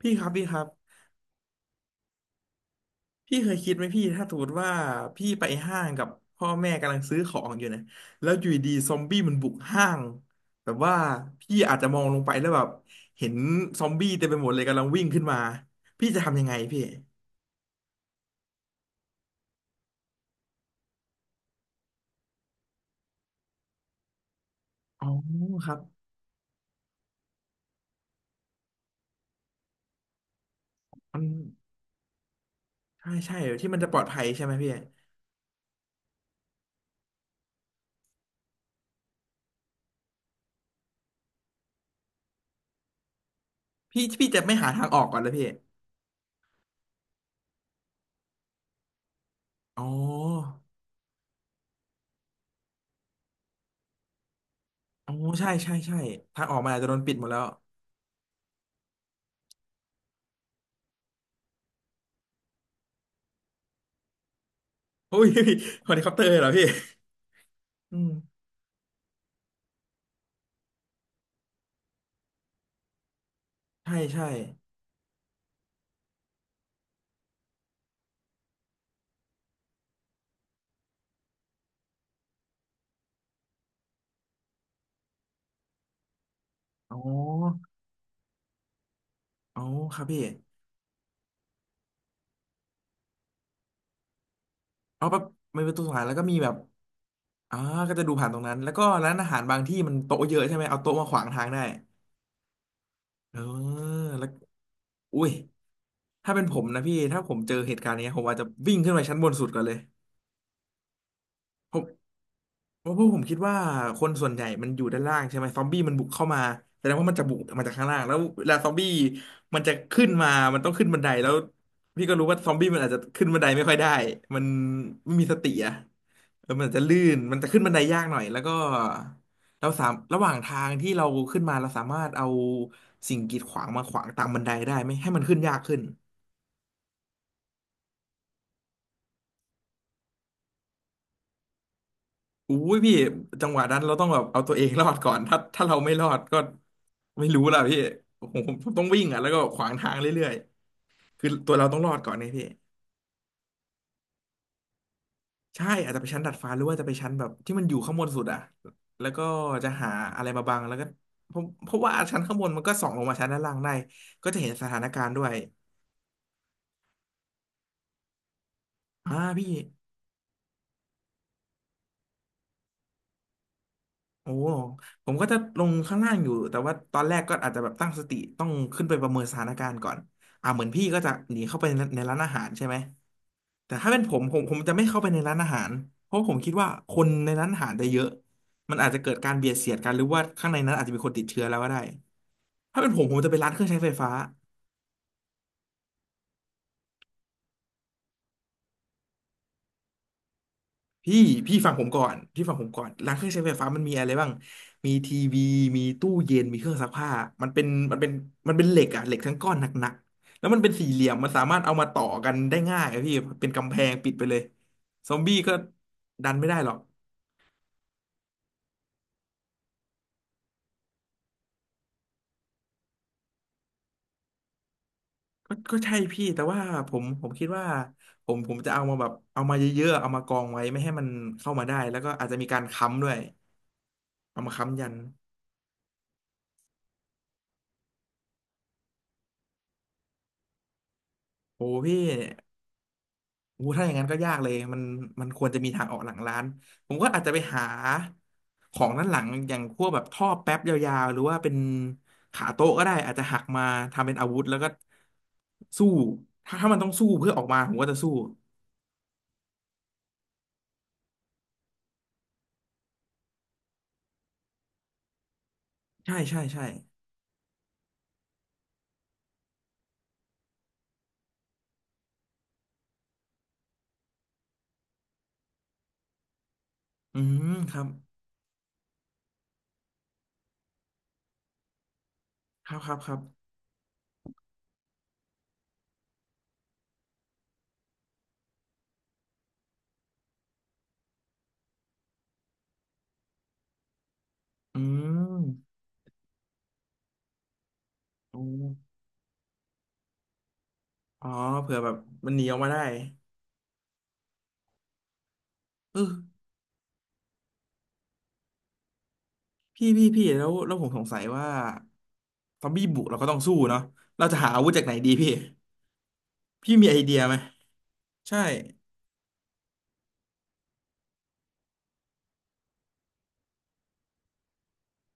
พี่ครับพี่ครับพี่เคยคิดไหมพี่ถ้าสมมติว่าพี่ไปห้างกับพ่อแม่กำลังซื้อของอยู่นะแล้วอยู่ดีๆซอมบี้มันบุกห้างแบบว่าพี่อาจจะมองลงไปแล้วแบบเห็นซอมบี้เต็มไปหมดเลยกำลังวิ่งขึ้นมาพี่จะทำยังไงพี่อ๋อครับมันใช่ใช่ที่มันจะปลอดภัยใช่ไหมพี่พี่จะไม่หาทางออกก่อนเลยพี่อ๋ออ๋อใช่ใช่ใช่ทางออกมันอาจจะโดนปิดหมดแล้วโอ้ย เฮลิคอปเตอร์เลยเหรอพี่อืมใช่ใช่อ๋อ อ๋อครับพี่เอาแบบมันเป็นตัวสงสารแล้วก็มีแบบอ่าก็จะดูผ่านตรงนั้น แล้วก็ร้านอาหารบางที่มันโต๊ะเยอะใช่ไหม เอาโต๊ะมาขวางทางได้ เออ แล้ว อุ้ยถ้าเป็นผมนะพี่ ถ้าผมเจอเหตุการณ์เนี้ยผมอาจจะวิ่งขึ้นไปชั้นบนสุดก่อนเลยผม เพราะพวกผมคิดว่าคนส่วนใหญ่มันอยู่ด้านล่างใช่ไหมซอมบี้มันบุกเข้ามาแสดงว่ามันจะบุกมาจากข้างล่างแล้วเวลาซอมบี้มันจะขึ้นมา มันต้องขึ้นบันไดแล้วพี่ก็รู้ว่าซอมบี้มันอาจจะขึ้นบันไดไม่ค่อยได้มันไม่มีสติอะแล้วมันอาจจะลื่นมันจะขึ้นบันไดยากหน่อยแล้วก็เราสามระหว่างทางที่เราขึ้นมาเราสามารถเอาสิ่งกีดขวางมาขวางตามบันไดได้ไหมให้มันขึ้นยากขึ้น อุ้ยพี่จังหวะนั้นเราต้องแบบเอาตัวเองรอดก่อนถ้าเราไม่รอดก็ไม่รู้ล่ะพี่ผมต้องวิ่งอ่ะแล้วก็ขวางทางเรื่อยๆคือตัวเราต้องรอดก่อนเนี่ยพี่ใช่อาจจะไปชั้นดัดฟ้าหรือว่าจะไปชั้นแบบที่มันอยู่ข้างบนสุดอ่ะแล้วก็จะหาอะไรมาบังแล้วก็ผมเพราะว่าชั้นข้างบนมันก็ส่องลงมาชั้นด้านล่างได้ก็จะเห็นสถานการณ์ด้วยอ่าพี่โอ้ผมก็จะลงข้างล่างอยู่แต่ว่าตอนแรกก็อาจจะแบบตั้งสติต้องขึ้นไปประเมินสถานการณ์ก่อนอ่าเหมือนพี่ก็จะหนีเข้าไปในร้านอาหารใช่ไหม แต่ถ้าเป็นผมผมจะไม่เข้าไปในร้านอาหารเพราะผมคิดว่าคนในร้านอาหารจะเยอะมันอาจจะเกิดการเบียดเสียดกันหรือว่าข้างในนั้นอาจจะมีคนติดเชื้อแล้วก็ได้ถ้าเป็นผมจะไปร้านเครื่องใช้ไฟฟ้าพี่พี่ฟังผมก่อนพี่ฟังผมก่อนร้านเครื่องใช้ไฟฟ้ามันมีอะไรบ้างมีทีวีมีตู้เย็นมีเครื่องซักผ้ามันเป็นมันเป็นมันเป็นเหล็กอะเหล็กทั้งก้อนหนักๆแล้วมันเป็นสี่เหลี่ยมมันสามารถเอามาต่อกันได้ง่ายอะพี่เป็นกำแพงปิดไปเลยซอมบี้ก็ดันไม่ได้หรอก ก็ก็ใช่พี่แต่ว่าผมคิดว่าผมจะเอามาแบบเอามาเยอะๆเอามากองไว้ไม่ให้มันเข้ามาได้แล้วก็อาจจะมีการค้ำด้วยเอามาค้ำยันโอ้พี่โอ้ถ้าอย่างนั้นก็ยากเลยมันมันควรจะมีทางออกหลังร้านผมก็อาจจะไปหาของด้านหลังอย่างพวกแบบท่อแป๊บยาวๆหรือว่าเป็นขาโต๊ะก็ได้อาจจะหักมาทำเป็นอาวุธแล้วก็สู้ถ้ามันต้องสู้เพื่อออกมาผมก็จะสู้ใช่ใช่ใช่อืมครับครับครับครับอืม อ๋ออ๋อเผื่อแบบมันหนีออกมาได้เออพี่แล้วแล้วผมสงสัยว่าซอมบี้บุกเราก็ต้องสู้เนาะเราจะหาอาวุธจากไหนดีพี่พี่มีไอเดียไหมใช่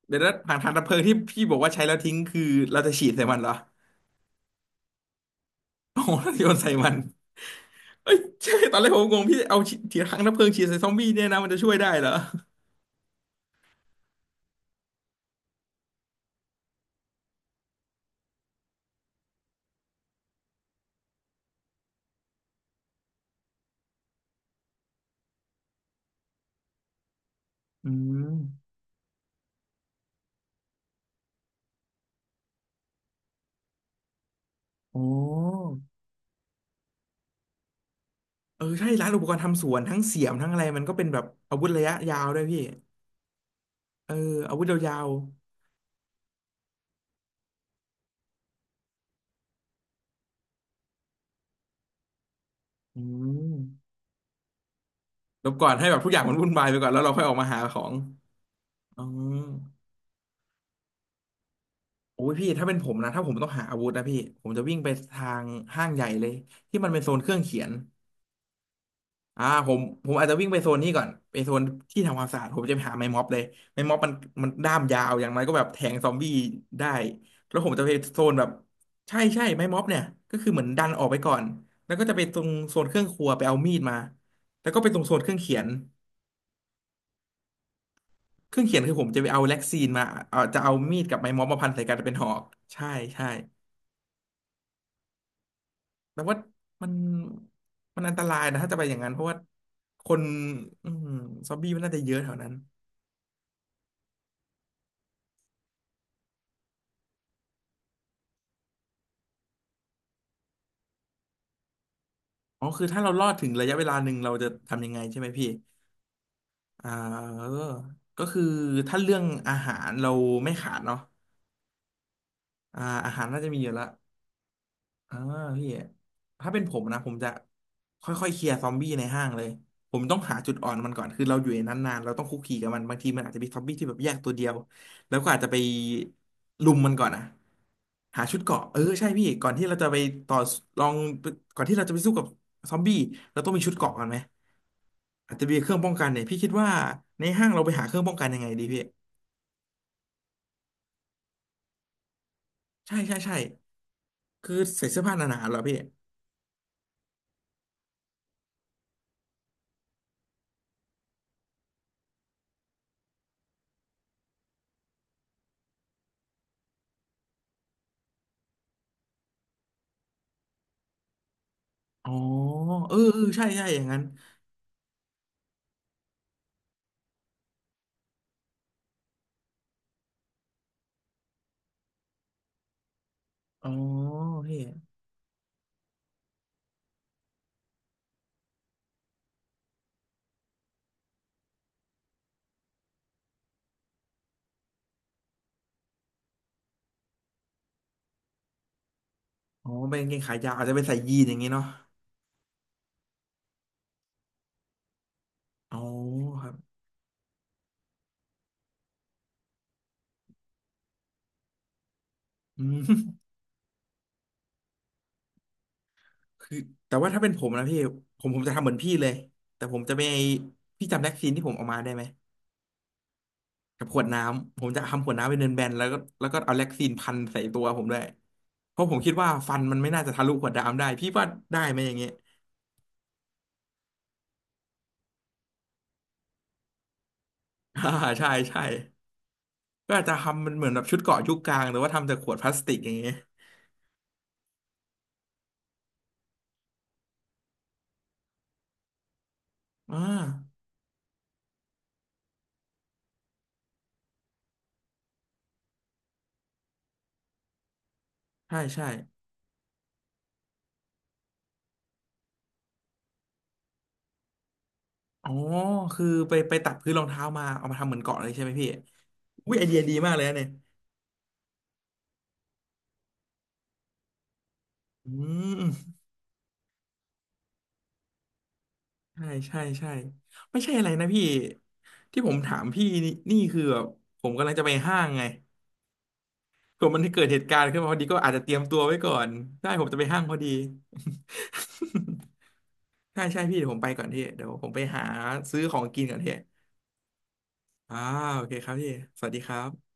เดี๋ยวนะถังดับเพลิงที่พี่บอกว่าใช้แล้วทิ้งคือเราจะฉีดใส่มันเหรอโอ้ โหเราโยนใส่มันเอ้ยใช่ตอนแรกผมงงพี่เอาฉีดถังดับเพลิงฉีดใส่ซอมบี้เนี่ยนะมันจะช่วยได้เหรออืมโอ้เออใช่ร้านอุปกรณ์ทำสวนทั้งเสียมทั้งอะไรมันก็เป็นแบบอาวุธระยะยาวด้วยพี่เอออาวุธยาว อืมลบก่อนให้แบบทุกอย่างมันวุ่นวายไปก่อนแล้วเราค่อยออกมาหาของอ๋อโอ้ยพี่ถ้าเป็นผมนะถ้าผมต้องหาอาวุธนะพี่ผมจะวิ่งไปทางห้างใหญ่เลยที่มันเป็นโซนเครื่องเขียนอ่าผมผมอาจจะวิ่งไปโซนนี้ก่อนไปโซนที่ทำความสะอาดผมจะไปหาไม้ม็อบเลยไม้ม็อบมันด้ามยาวอย่างไรก็แบบแทงซอมบี้ได้แล้วผมจะไปโซนแบบใช่ใช่ไม้ม็อบเนี่ยก็คือเหมือนดันออกไปก่อนแล้วก็จะไปตรงโซนเครื่องครัวไปเอามีดมาแล้วก็ไปตรงโซนเครื่องเขียน เครื่องเขียนคือผมจะไปเอาแล็กซีนมาเอาจะเอามีดกับไม้ม็อบมาพันใส่กันเป็นหอกใช่ใช่ แต่ว่ามันมันอันตรายนะถ้าจะไปอย่างนั้นเพราะว่าคนอืมซอมบี้มันน่าจะเยอะแถวนั้นอ๋อคือถ้าเรารอดถึงระยะเวลาหนึ่งเราจะทำยังไงใช่ไหมพี่ อ่าเออก็คือถ้าเรื่องอาหารเราไม่ขาดเนาะอาหารน่าจะมีอยู่แล้ว อ่าพี่ถ้าเป็นผมนะผมจะค่อยๆเคลียร์ซอมบี้ในห้างเลยผมต้องหาจุดอ่อนมันก่อนคือเราอยู่ในนั้นนานเราต้องคุกคีกับมันบางทีมันอาจจะมีซอมบี้ที่แบบแยกตัวเดียวแล้วก็อาจจะไปลุมมันก่อนอะหาชุดเกราะเออใช่พี่ก่อนที่เราจะไปต่อลองก่อนที่เราจะไปสู้กับซอมบี้เราต้องมีชุดเกราะก่อนไหมอาจจะมีเครื่องป้องกันเนี่ยพี่คิดว่าในห้างเราไปหาเครื่องป้องกันยังไงดีพี่ใช่ใช่ใช่คือใส่เสื้อผ้าหนาๆเหรอพี่อ๋อเออเออใช่ใช่อย่างนั้น อ๋อพี่อ๋อเป็นกางเกงขายาวอาจจะเป็นใส่ยีนอย่างงี้เนาะอ๋อครับอืม คือแต่ว่าถ้าเป็นผมนะพี่ผมจะทำเหมือนพี่เลยแต่ผมจะไม่พี่จำแล็กซีนที่ผมเอามาได้ไหมกับขวดน้ำผมจะทำขวดน้ำเป็นเบนๆแล้วก็เอาแล็กซีนพันใส่ตัวผมด้วยเพราะผมคิดว่าฟันมันไม่น่าจะทะลุขวดน้ำได้พี่ว่าได้ไหมอย่างเงี้ย อ่าใช่ใช่ก็อาจจะทำมันเหมือนแบบชุดเกราะยุคกลางหรือว่าทำจากขวดพลาสติกอย่างเงี้ยอ่าใช่ใช่ อ๋อคือไปไปตัดพื้นรองเท้ามาเอามาทำเหมือนเกาะเลยใช่ไหมพี่อุ้ยไอเดียดีมากเลยนะเนี่ยอืมใช่ใช่ใช่ไม่ใช่อะไรนะพี่ที่ผมถามพี่นี่นี่คือแบบผมกำลังจะไปห้างไงผมมันเกิดเหตุการณ์ขึ้นมาพอดีก็อาจจะเตรียมตัวไว้ก่อนได้ผมจะไปห้างพอดี ใช่ใช่พี่เดี๋ยวผมไปก่อนพี่เดี๋ยวผมไปหาซื้อของกินก่อนพี่อ่าโอเคครับพี่สวัสดีครับ